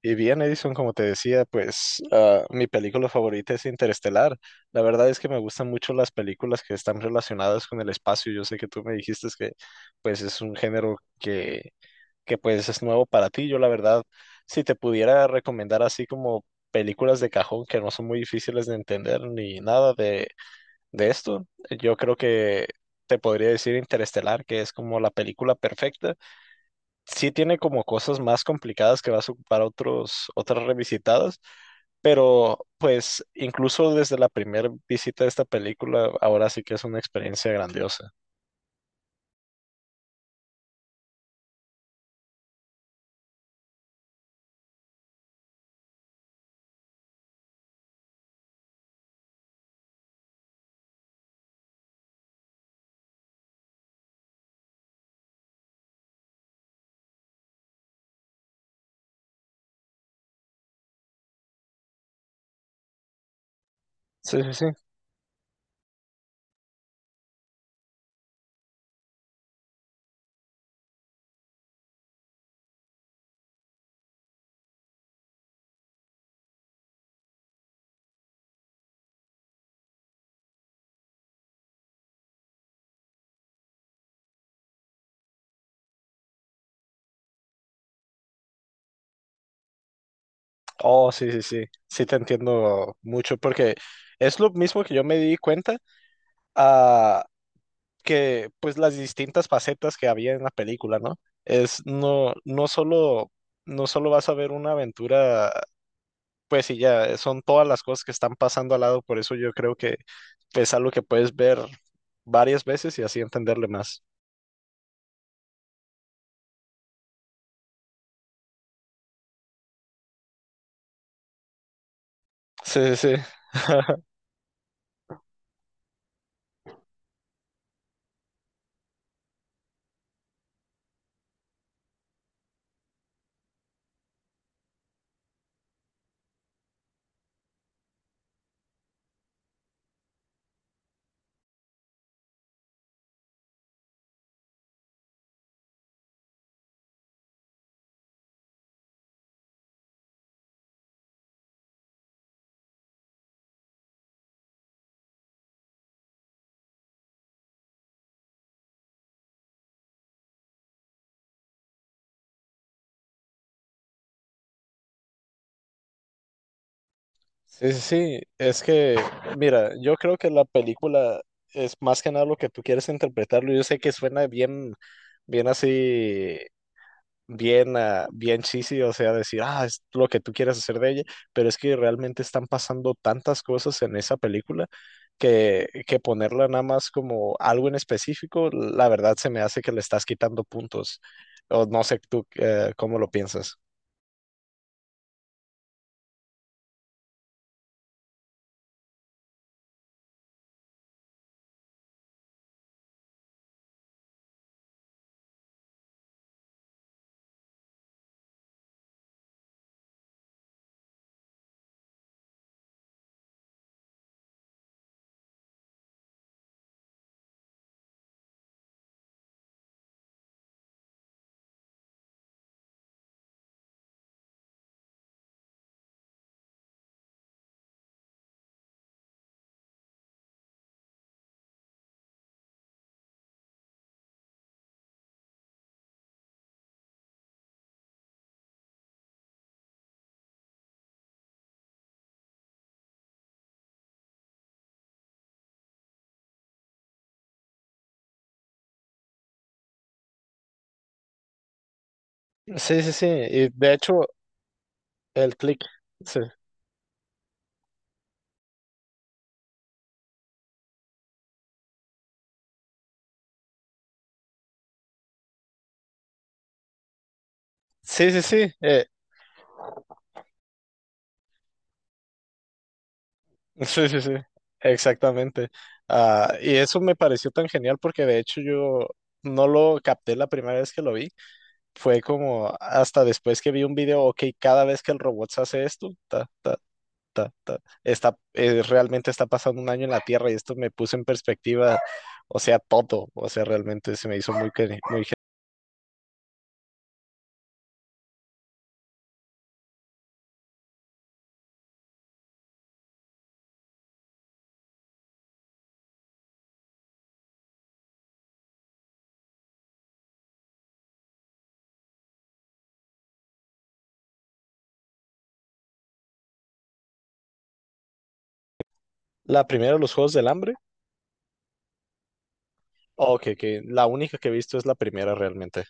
Y bien, Edison, como te decía, mi película favorita es Interestelar. La verdad es que me gustan mucho las películas que están relacionadas con el espacio. Yo sé que tú me dijiste que pues es un que pues es nuevo para ti. Yo la verdad, si te pudiera recomendar así como películas de cajón que no son muy difíciles de entender ni nada de esto, yo creo que te podría decir Interestelar, que es como la película perfecta. Sí, tiene como cosas más complicadas que vas a ocupar otras revisitadas, pero pues incluso desde la primera visita de esta película, ahora sí que es una experiencia grandiosa. Sí, sí, sí. Oh, sí, sí, sí. Sí, te entiendo mucho porque es lo mismo que yo me di cuenta a que pues las distintas facetas que había en la película, ¿no? Es no solo, no solo vas a ver una aventura. Pues sí, ya son todas las cosas que están pasando al lado, por eso yo creo que es algo que puedes ver varias veces y así entenderle más. Sí, sí, sí. Sí, sí, sí. Es que, mira, yo creo que la película es más que nada lo que tú quieres interpretarlo. Yo sé que suena bien, bien así, bien cheesy, o sea, decir, ah, es lo que tú quieres hacer de ella, pero es que realmente están pasando tantas cosas en esa que ponerla nada más como algo en específico, la verdad se me hace que le estás quitando puntos. O no sé tú, cómo lo piensas. Sí, sí, sí. Y de hecho, el click. Sí, sí, sí. Sí, sí, sí, sí, exactamente. Ah, y eso me pareció tan genial porque de hecho yo no lo capté la primera vez que lo vi, fue como hasta después que vi un video. Ok, cada vez que el robot se hace esto, ta, ta, ta, ta, realmente está pasando un año en la Tierra y esto me puso en perspectiva, o sea, todo, o sea, realmente se me hizo muy... gen- La primera, los Juegos del Hambre, ok, que la única que he visto es la primera realmente.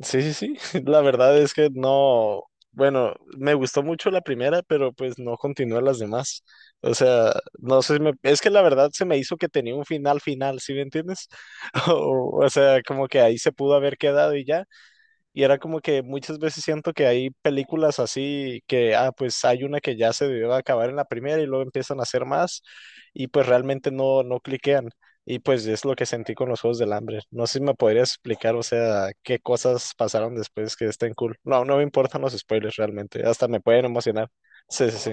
Sí, sí, sí. La verdad es que no, bueno, me gustó mucho la primera, pero pues no continué las demás. O sea, no sé, si me- es que la verdad se me hizo que tenía un final final, ¿sí me entiendes? O sea, como que ahí se pudo haber quedado y ya. Y era como que muchas veces siento que hay películas así que, ah, pues hay una que ya se debió acabar en la primera y luego empiezan a hacer más y pues realmente no cliquean. Y pues es lo que sentí con los Juegos del Hambre. No sé si me podrías explicar, o sea, qué cosas pasaron después que estén cool. No, no me importan los spoilers realmente, hasta me pueden emocionar. Sí, sí, sí.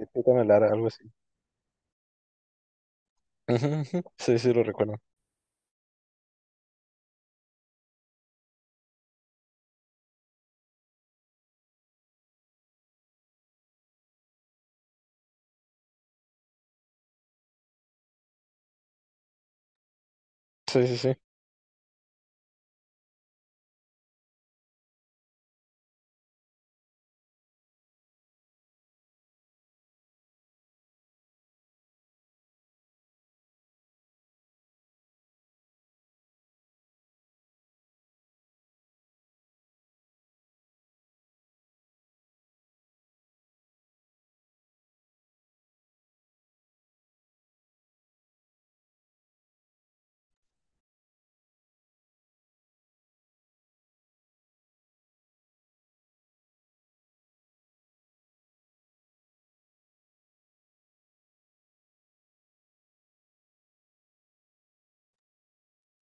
Pícame Lara, algo así. Ujú, ujú. Sí, sí, lo recuerdo. Sí, sí, sí.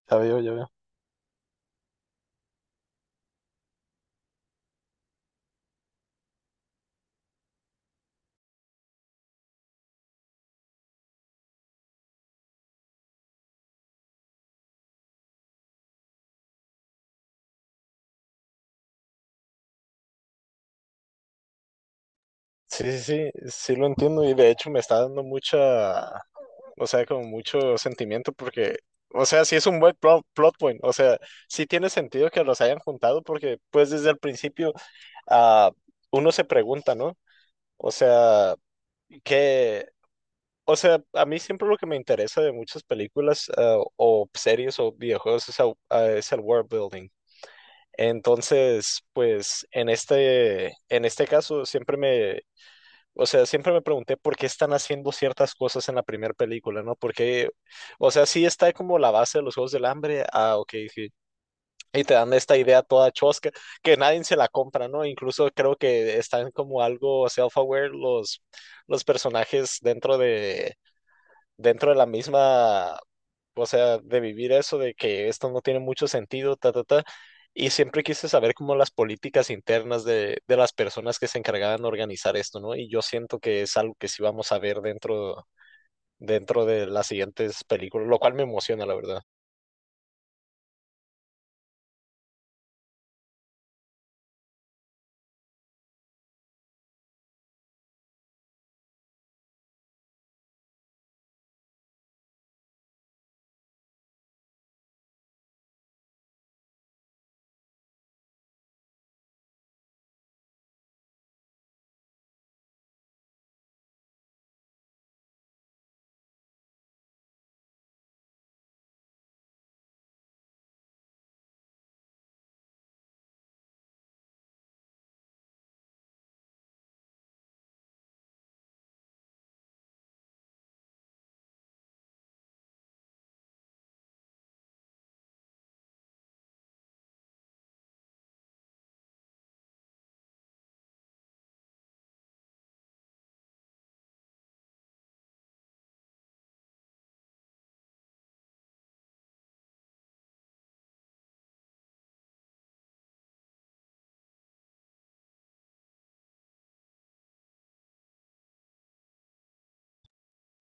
Ya veo, ya veo. Sí, sí, sí, sí, lo entiendo y de hecho me está dando mucha, o sea, con mucho sentimiento porque, o sea, sí es un buen plot point, o sea, sí tiene sentido que los hayan juntado porque pues desde el principio, ah, uno se pregunta, ¿no? O sea, que, o sea, a mí siempre lo que me interesa de muchas películas, ah, o series o videojuegos es el world building. Entonces, pues en en este caso siempre me, o sea, siempre me pregunté por qué están haciendo ciertas cosas en la primera película, ¿no? Porque, o sea, sí está como la base de los Juegos del Hambre, ah, ok, sí. Y te dan esta idea toda chosca, que nadie se la compra, ¿no? Incluso creo que están como algo los personajes dentro de la misma, o sea, de vivir eso de que esto no tiene mucho sentido, ta, ta, ta. Y siempre quise saber como las políticas internas de las personas que se encargaban de organizar esto, ¿no? Y yo siento que es algo que sí vamos a ver dentro de las siguientes películas, lo cual me emociona, la verdad.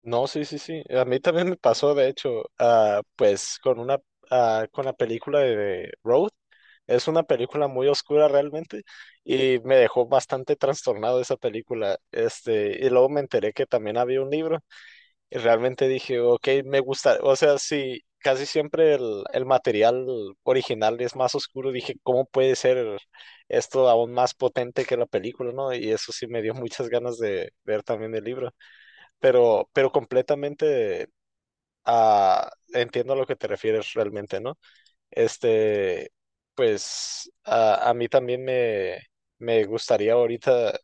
No, sí, sí, sí. A mí también me pasó, de hecho, ah, pues con una, ah, con la película de Road. Es una película muy oscura realmente y me dejó bastante trastornado esa película. Este, y luego me enteré que también había un libro y realmente dije, ok, me gusta. O sea, sí, casi siempre el material original es más oscuro. Dije, ¿cómo puede ser esto aún más potente que la película, no? Y eso sí me dio muchas ganas de ver también el libro, pero completamente, ah, entiendo a lo que te refieres realmente, ¿no? Este, pues a mí también me gustaría ahorita,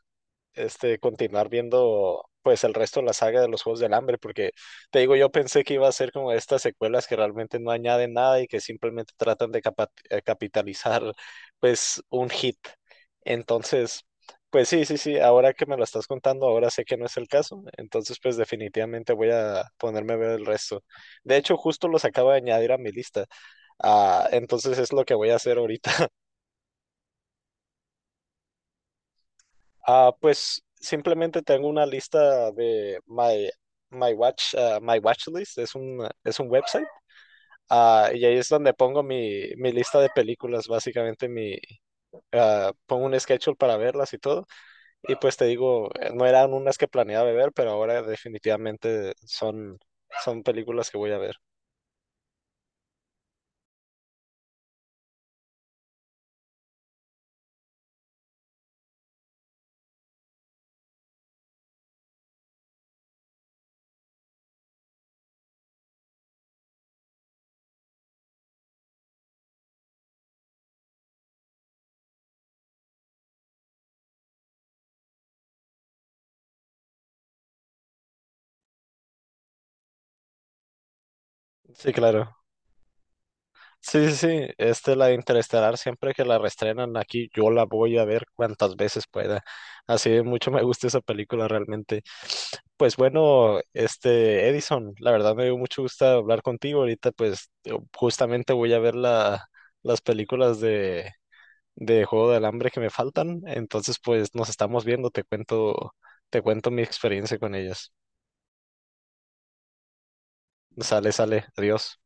este, continuar viendo pues el resto de la saga de los Juegos del Hambre, porque te digo, yo pensé que iba a ser como estas secuelas que realmente no añaden nada y que simplemente tratan de capitalizar pues un hit. Entonces, pues sí, sí, sí, ahora que me lo estás contando, ahora sé que no es el caso, entonces pues definitivamente voy a ponerme a ver el resto. De hecho, justo los acabo de añadir a mi lista. Ah, entonces es lo que voy a hacer ahorita. Ah, pues simplemente tengo una lista de my my watch list, es un website, ah, y ahí es donde pongo mi, mi lista de películas, básicamente mi, ah, pongo un schedule para verlas y todo, y pues te digo, no eran unas que planeaba ver, pero ahora definitivamente son, son películas que voy a ver. Sí, claro. Sí, sí, sí, este, la de Interestelar, siempre que la reestrenan aquí, yo la voy a ver cuantas veces pueda. Así de mucho me gusta esa película realmente. Pues bueno, este, Edison, la verdad me dio mucho gusto hablar contigo. Ahorita pues yo justamente voy a ver las películas de Juego del Hambre que me faltan. Entonces pues nos estamos viendo, te cuento mi experiencia con ellas. Sale, sale, adiós.